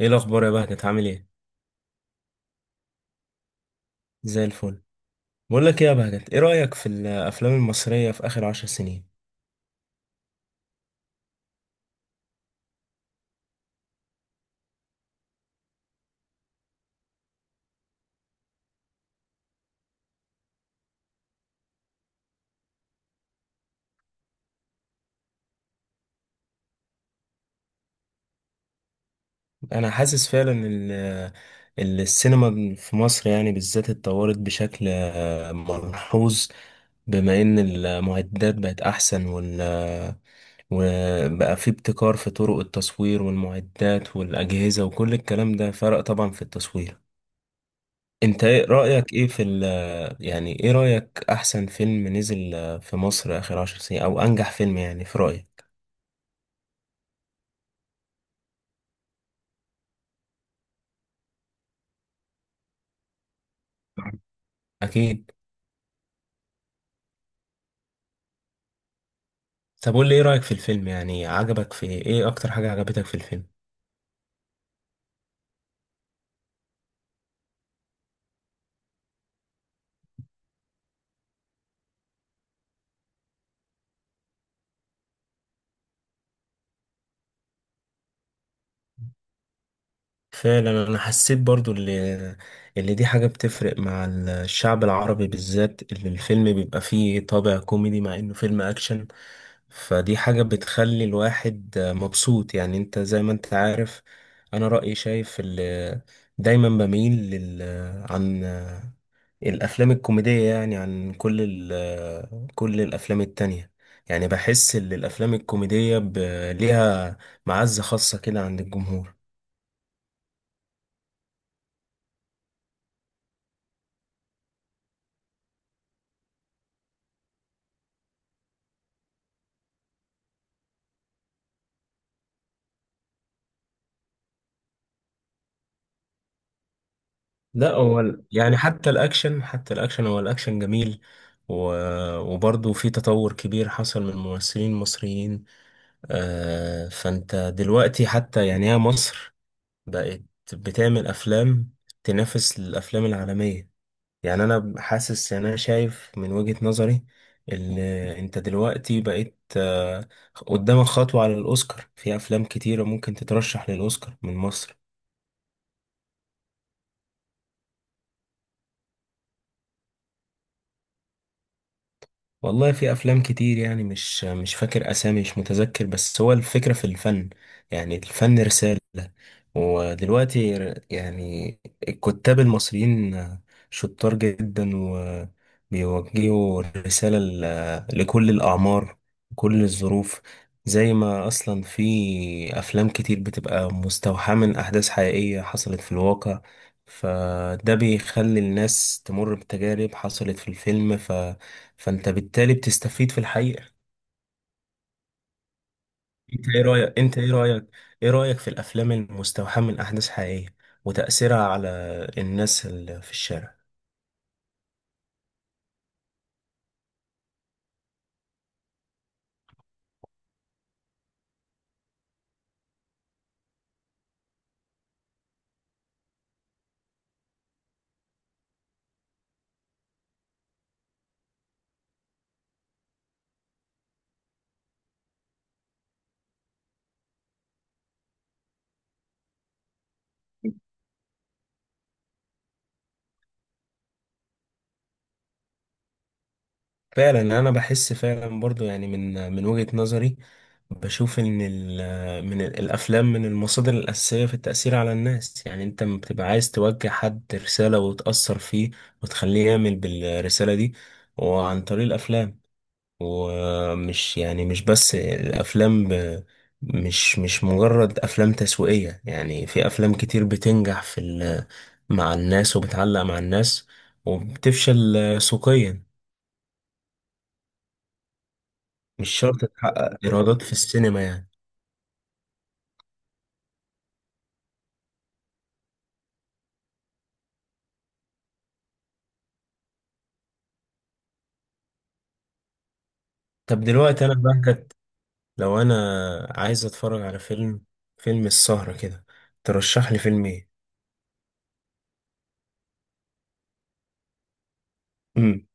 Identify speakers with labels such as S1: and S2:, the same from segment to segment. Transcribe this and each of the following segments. S1: ايه الاخبار يا بهجت، عامل ايه؟ زي الفل. بقول لك ايه يا بهجت، ايه رايك في الافلام المصريه في اخر 10 سنين؟ انا حاسس فعلا ان السينما في مصر يعني بالذات اتطورت بشكل ملحوظ. بما ان المعدات بقت احسن وبقى في ابتكار في طرق التصوير والمعدات والاجهزه، وكل الكلام ده فرق طبعا في التصوير. انت ايه رأيك ايه في ال يعني ايه رأيك، احسن فيلم نزل في مصر اخر 10 سنين، او انجح فيلم يعني في رأيك؟ اكيد. طب قول لي ايه رأيك في الفيلم، يعني عجبك في ايه، اكتر حاجة عجبتك في الفيلم؟ فعلا، انا حسيت برضو اللي دي حاجة بتفرق مع الشعب العربي بالذات، اللي الفيلم بيبقى فيه طابع كوميدي مع انه فيلم اكشن. فدي حاجة بتخلي الواحد مبسوط، يعني انت زي ما انت عارف. انا رأيي شايف اللي دايما بميل عن الافلام الكوميدية، يعني عن كل الافلام التانية. يعني بحس ان الافلام الكوميدية ليها معزة خاصة كده عند الجمهور. لا، هو يعني حتى الاكشن هو الاكشن جميل. و... وبرضه في تطور كبير حصل من ممثلين مصريين. فانت دلوقتي حتى، يعني هي مصر بقت بتعمل افلام تنافس الافلام العالمية. يعني انا حاسس، يعني انا شايف من وجهة نظري ان انت دلوقتي بقيت، قدامك خطوة على الاوسكار، في افلام كتيرة ممكن تترشح للاوسكار من مصر. والله في افلام كتير، يعني مش فاكر اسامي، مش متذكر، بس هو الفكره في الفن. يعني الفن رساله، ودلوقتي يعني الكتاب المصريين شطار جدا، وبيوجهوا رساله لكل الاعمار، كل الظروف. زي ما اصلا في افلام كتير بتبقى مستوحاه من احداث حقيقيه حصلت في الواقع، فده بيخلي الناس تمر بتجارب حصلت في الفيلم، فانت بالتالي بتستفيد في الحقيقة. انت ايه رأيك انت ايه رأيك ايه رأيك في الافلام المستوحاة من احداث حقيقية، وتأثيرها على الناس اللي في الشارع؟ فعلا يعني انا بحس فعلا برضو، يعني من وجهة نظري. بشوف ان الافلام من المصادر الاساسية في التأثير على الناس، يعني انت لما بتبقى عايز توجه حد رسالة وتأثر فيه، وتخليه يعمل بالرسالة دي، وعن طريق الافلام. ومش يعني مش بس الافلام، مش مجرد افلام تسويقية، يعني في افلام كتير بتنجح مع الناس وبتعلق مع الناس، وبتفشل سوقيا. مش شرط تحقق ايرادات في السينما يعني. طب دلوقتي انا بهجت، لو انا عايز اتفرج على فيلم، فيلم السهرة كده، ترشح لي فيلم ايه؟ امم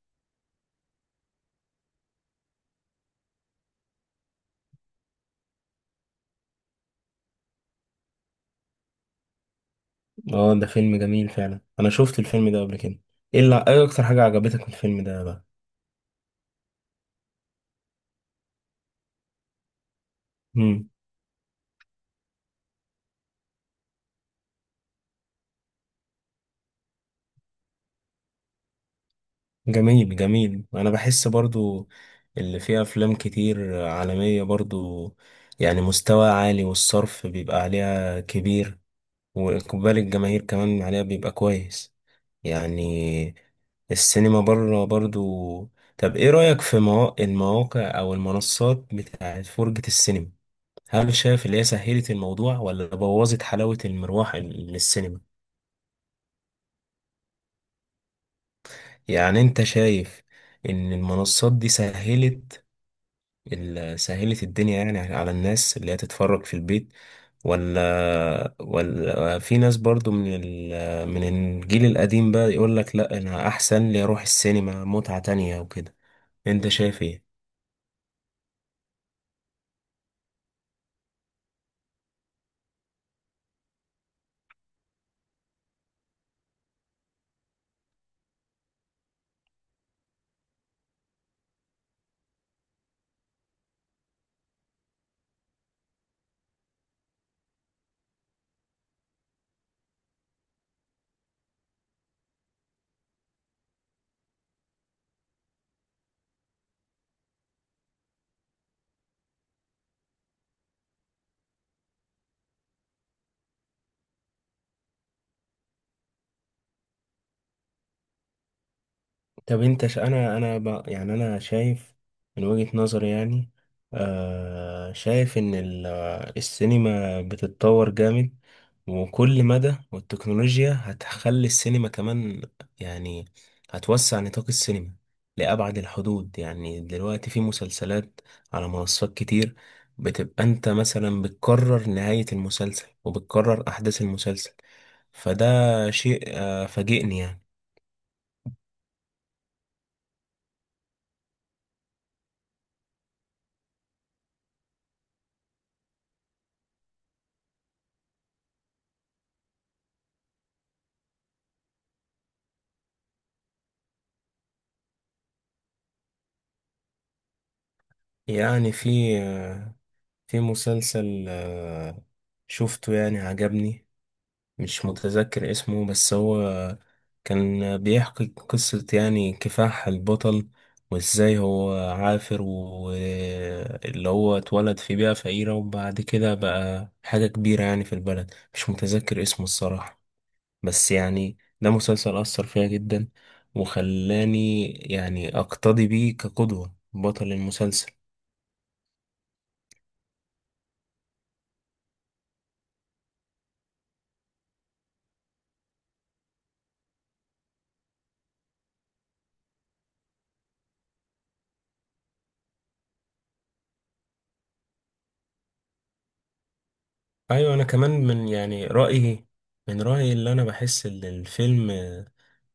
S1: اه، ده فيلم جميل فعلا، انا شفت الفيلم ده قبل كده. ايه اكتر حاجة عجبتك في الفيلم ده بقى؟ مم. جميل جميل، انا بحس برضو اللي فيه افلام كتير عالمية برضو، يعني مستوى عالي، والصرف بيبقى عليها كبير، واقبال الجماهير كمان عليها بيبقى كويس، يعني السينما بره برضو. طب ايه رأيك في المواقع او المنصات بتاعت فرجة السينما، هل شايف اللي هي سهلت الموضوع، ولا بوظت حلاوة المروح للسينما؟ يعني انت شايف ان المنصات دي سهلت الدنيا، يعني على الناس اللي هي تتفرج في البيت، ولا في ناس برضو من الجيل القديم بقى يقول لك لا انا احسن لي اروح السينما، متعة تانية وكده. انت شايف ايه؟ طب انت ش... انا انا ب... يعني انا شايف من وجهة نظري، يعني شايف ان ال... آه، السينما بتتطور جامد، وكل مدى والتكنولوجيا هتخلي السينما كمان، يعني هتوسع نطاق السينما لأبعد الحدود. يعني دلوقتي في مسلسلات على منصات كتير، بتبقى انت مثلا بتكرر نهاية المسلسل وبتكرر أحداث المسلسل، فده شيء فاجئني يعني. يعني في مسلسل شفته يعني عجبني، مش متذكر اسمه، بس هو كان بيحكي قصة يعني كفاح البطل، وازاي هو عافر، واللي هو اتولد في بيئة فقيرة، وبعد كده بقى حاجة كبيرة يعني في البلد، مش متذكر اسمه الصراحة. بس يعني ده مسلسل أثر فيا جدا، وخلاني يعني أقتدي بيه كقدوة بطل المسلسل. ايوه، انا كمان من رايي اللي انا بحس ان الفيلم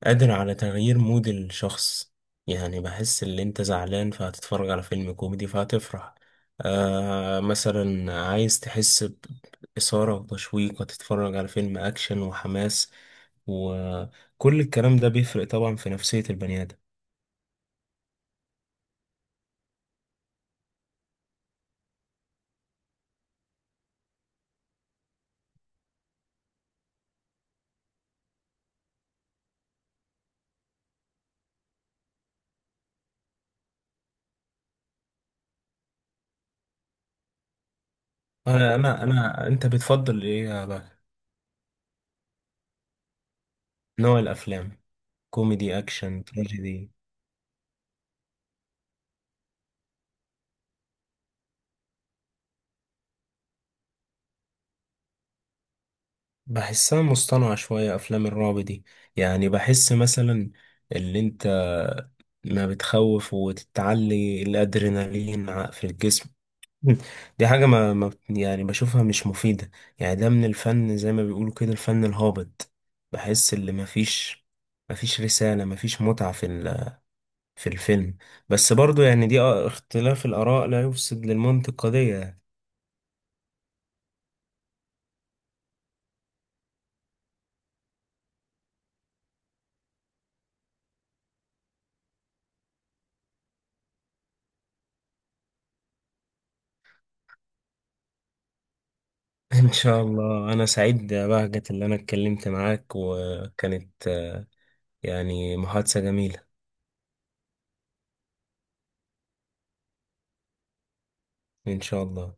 S1: قادر على تغيير مود الشخص، يعني بحس ان انت زعلان فهتتفرج على فيلم كوميدي فهتفرح. مثلا عايز تحس باثاره وتشويق، هتتفرج على فيلم اكشن وحماس، وكل الكلام ده بيفرق طبعا في نفسيه البني ادم. انا انا انا انت بتفضل ايه يا بقى؟ نوع الافلام؟ كوميدي، اكشن، تراجيدي؟ بحسها مصطنعة شوية، أفلام الرعب دي، يعني بحس مثلا اللي أنت ما بتخوف وتتعلي الأدرينالين في الجسم. دي حاجة ما, ما بت- يعني بشوفها مش مفيدة، يعني ده من الفن زي ما بيقولوا كده، الفن الهابط. بحس اللي مفيش رسالة، مفيش متعة في الفيلم، بس برضو يعني دي اختلاف الآراء لا يفسد للمنطق قضية. إن شاء الله، أنا سعيد بهجت اللي أنا اتكلمت معاك، وكانت يعني محادثة جميلة. إن شاء الله.